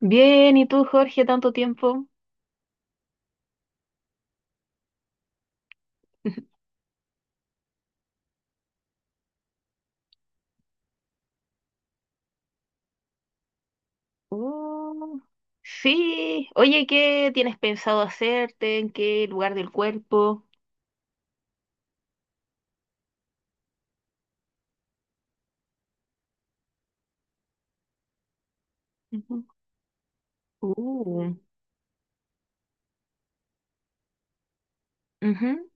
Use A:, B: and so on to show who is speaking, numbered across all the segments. A: Bien, ¿y tú, Jorge, tanto tiempo? Uh, sí, oye, ¿qué tienes pensado hacerte? ¿En qué lugar del cuerpo? Ujú. Uh, ujú.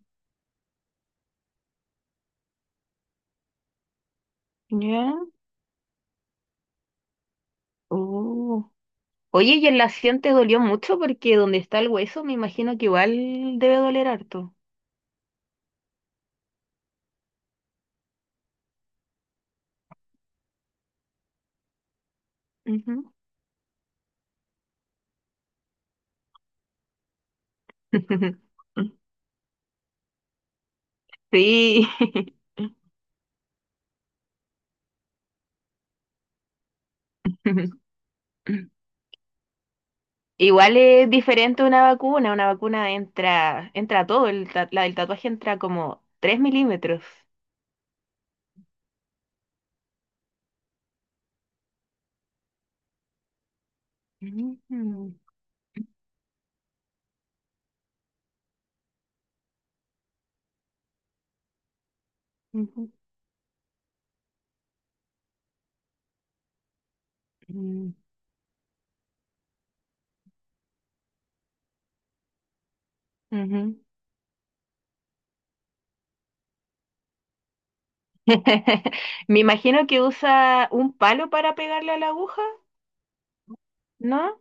A: ¿Ya? Uh, Oye, ¿y en la acción te dolió mucho? Porque donde está el hueso, me imagino que igual debe doler harto. Ujú. Sí. Igual es diferente una vacuna. Una vacuna entra, entra todo. La del tatuaje entra como 3 milímetros. Ujú. ujú, ujú, ujú. Me imagino que usa un palo para pegarle a la aguja, ¿no?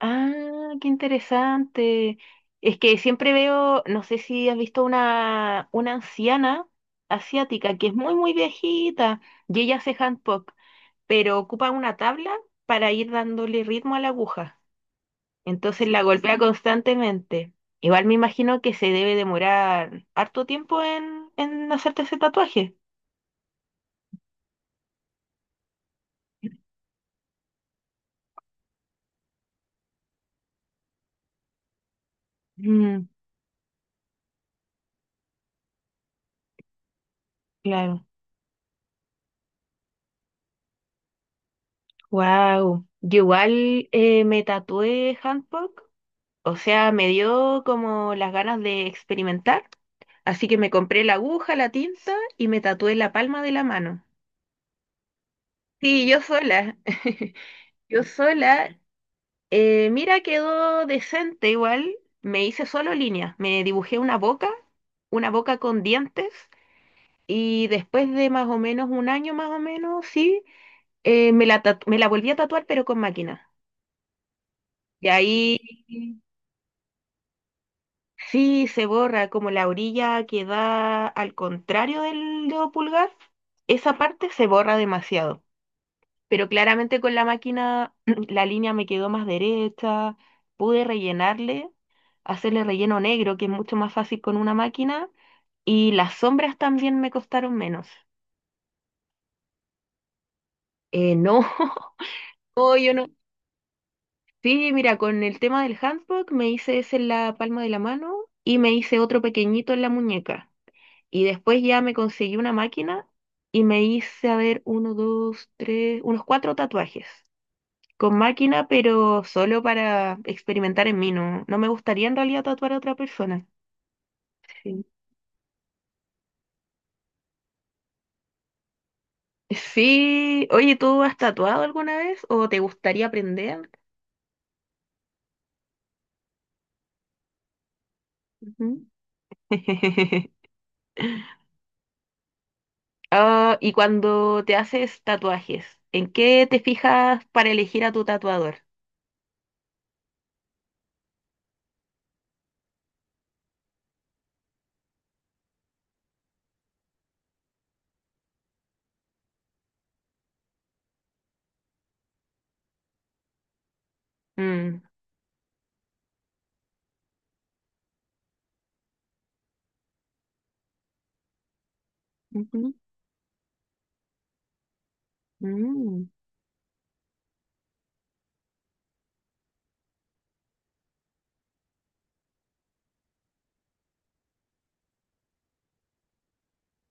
A: Ah, qué interesante. Es que siempre veo, no sé si has visto una, anciana asiática que es muy, muy viejita, y ella hace handpok, pero ocupa una tabla para ir dándole ritmo a la aguja. Entonces la golpea constantemente. Igual me imagino que se debe demorar harto tiempo en hacerte ese tatuaje. Mm, claro. Wow. Yo igual me tatué handpok. O sea, me dio como las ganas de experimentar, así que me compré la aguja, la tinta y me tatué la palma de la mano. Sí, yo sola, yo sola. Mira, quedó decente igual. Me hice solo líneas, me dibujé una boca con dientes, y después de más o menos un año más o menos, sí, me la volví a tatuar pero con máquina. Y ahí. Sí, se borra como la orilla que da al contrario del dedo pulgar. Esa parte se borra demasiado. Pero claramente con la máquina la línea me quedó más derecha. Pude rellenarle, hacerle relleno negro, que es mucho más fácil con una máquina. Y las sombras también me costaron menos. No, no, yo no. Sí, mira, con el tema del handbook me hice ese en la palma de la mano y me hice otro pequeñito en la muñeca. Y después ya me conseguí una máquina y me hice, a ver, uno, dos, tres, unos cuatro tatuajes. Con máquina, pero solo para experimentar en mí, no, no me gustaría en realidad tatuar a otra persona. Sí. Sí, oye, ¿tú has tatuado alguna vez o te gustaría aprender? Ujú. Ah, y cuando te haces tatuajes, ¿en qué te fijas para elegir a tu tatuador? Mm. Ujú. Mm.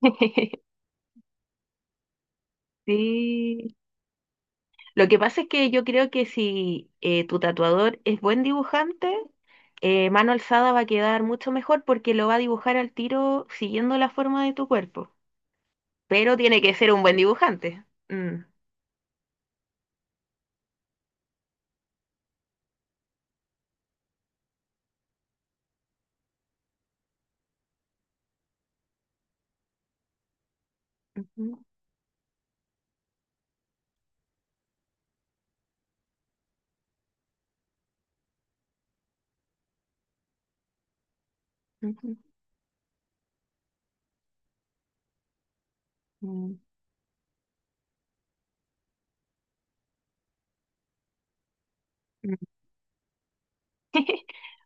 A: Sí. Lo que pasa es que yo creo que si tu tatuador es buen dibujante, mano alzada va a quedar mucho mejor porque lo va a dibujar al tiro siguiendo la forma de tu cuerpo. Pero tiene que ser un buen dibujante. Mm. Ujú, ujú, mm, mm.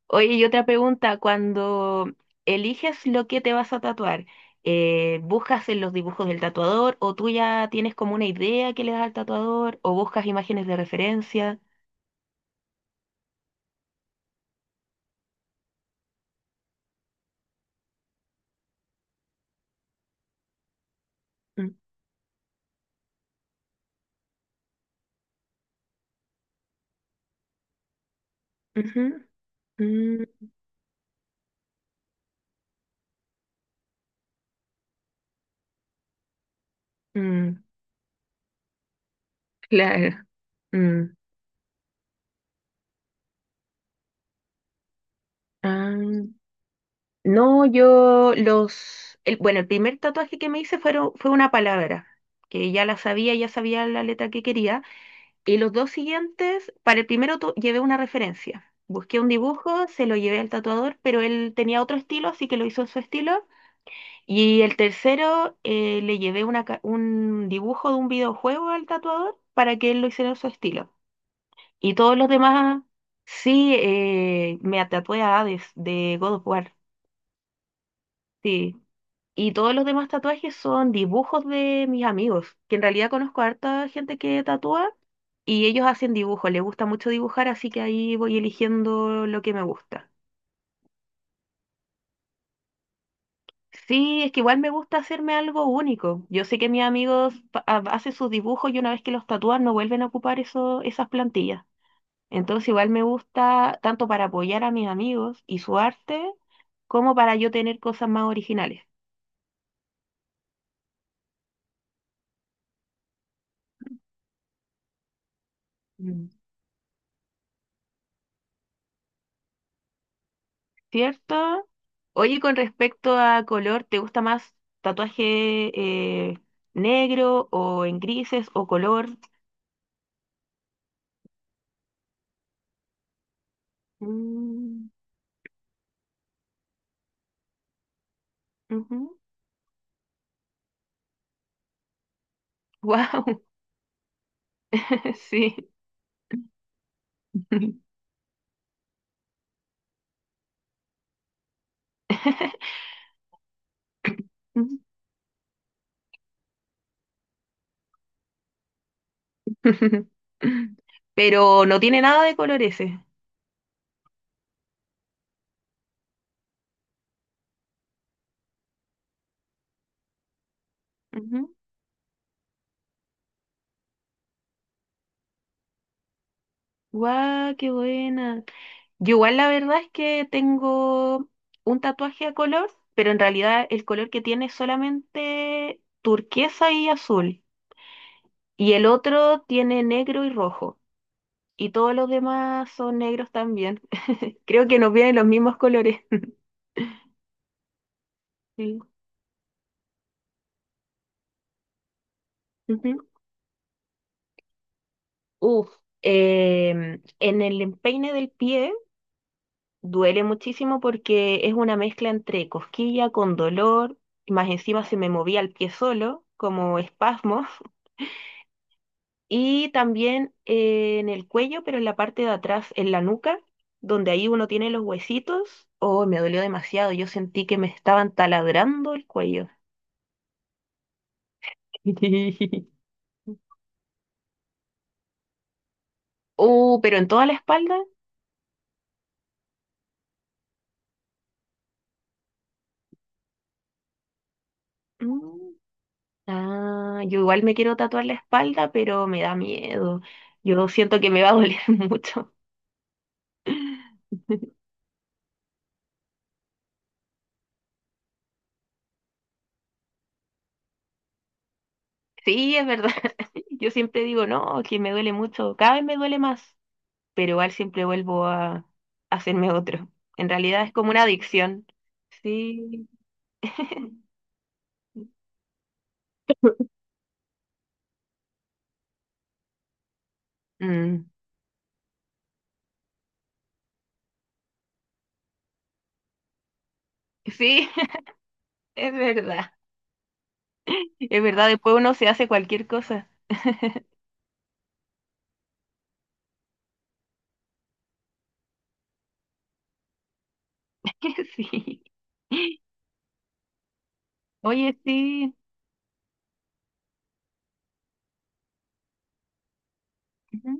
A: Oye, y otra pregunta, cuando eliges lo que te vas a tatuar, ¿buscas en los dibujos del tatuador o tú ya tienes como una idea que le das al tatuador o buscas imágenes de referencia? Mm, ujú, mm, claro. Mm. Ah, no, bueno, el primer tatuaje que me hice fue una palabra, que ya la sabía, ya sabía la letra que quería. Y los dos siguientes, para el primero llevé una referencia. Busqué un dibujo, se lo llevé al tatuador, pero él tenía otro estilo, así que lo hizo en su estilo. Y el tercero, le llevé un dibujo de un videojuego al tatuador para que él lo hiciera en su estilo. Y todos los demás, sí, me tatué a Hades de God of War, sí. Y todos los demás tatuajes son dibujos de mis amigos, que en realidad conozco a harta gente que tatúa y ellos hacen dibujos, les gusta mucho dibujar, así que ahí voy eligiendo lo que me gusta. Sí, es que igual me gusta hacerme algo único. Yo sé que mis amigos hacen sus dibujos y una vez que los tatúan no vuelven a ocupar eso, esas plantillas. Entonces igual me gusta tanto para apoyar a mis amigos y su arte, como para yo tener cosas más originales. Mm. ¿Cierto? Oye, con respecto a color, ¿te gusta más tatuaje eh, negro o en grises o color? Mm. Wow. Sí. Pero no tiene nada de color ese. Ujú. Guau, qué buena. Yo igual la verdad es que tengo un tatuaje a color, pero en realidad el color que tiene es solamente turquesa y azul. Y el otro tiene negro y rojo. Y todos los demás son negros también. Creo que nos vienen los mismos colores. Sí. Ujú. Uf, en el empeine del pie duele muchísimo porque es una mezcla entre cosquilla con dolor, más encima se me movía el pie solo, como espasmos. Y también en el cuello, pero en la parte de atrás, en la nuca, donde ahí uno tiene los huesitos. Oh, me dolió demasiado. Yo sentí que me estaban taladrando el cuello. Oh, pero en toda la espalda. Mm. Ah, yo igual me quiero tatuar la espalda, pero me da miedo. Yo siento que me va a doler mucho. Sí, es verdad. Yo siempre digo, no, que me duele mucho. Cada vez me duele más, pero igual siempre vuelvo a hacerme otro. En realidad es como una adicción. Sí. Mm. Sí, es verdad. Es verdad, después uno se hace cualquier cosa. Sí. Oye, sí. Ujú.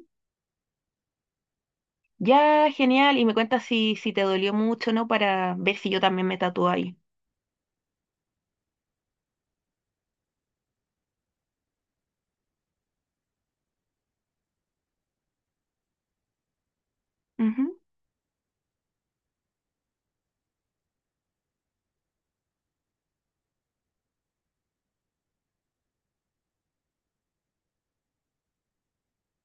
A: Ya, genial. Y me cuentas si, si te dolió mucho, ¿no? Para ver si yo también me tatúo ahí. Ujú.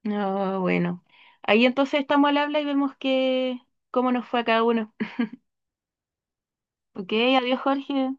A: No, bueno. Ahí entonces estamos al habla y vemos cómo nos fue a cada uno. Ok, adiós, Jorge.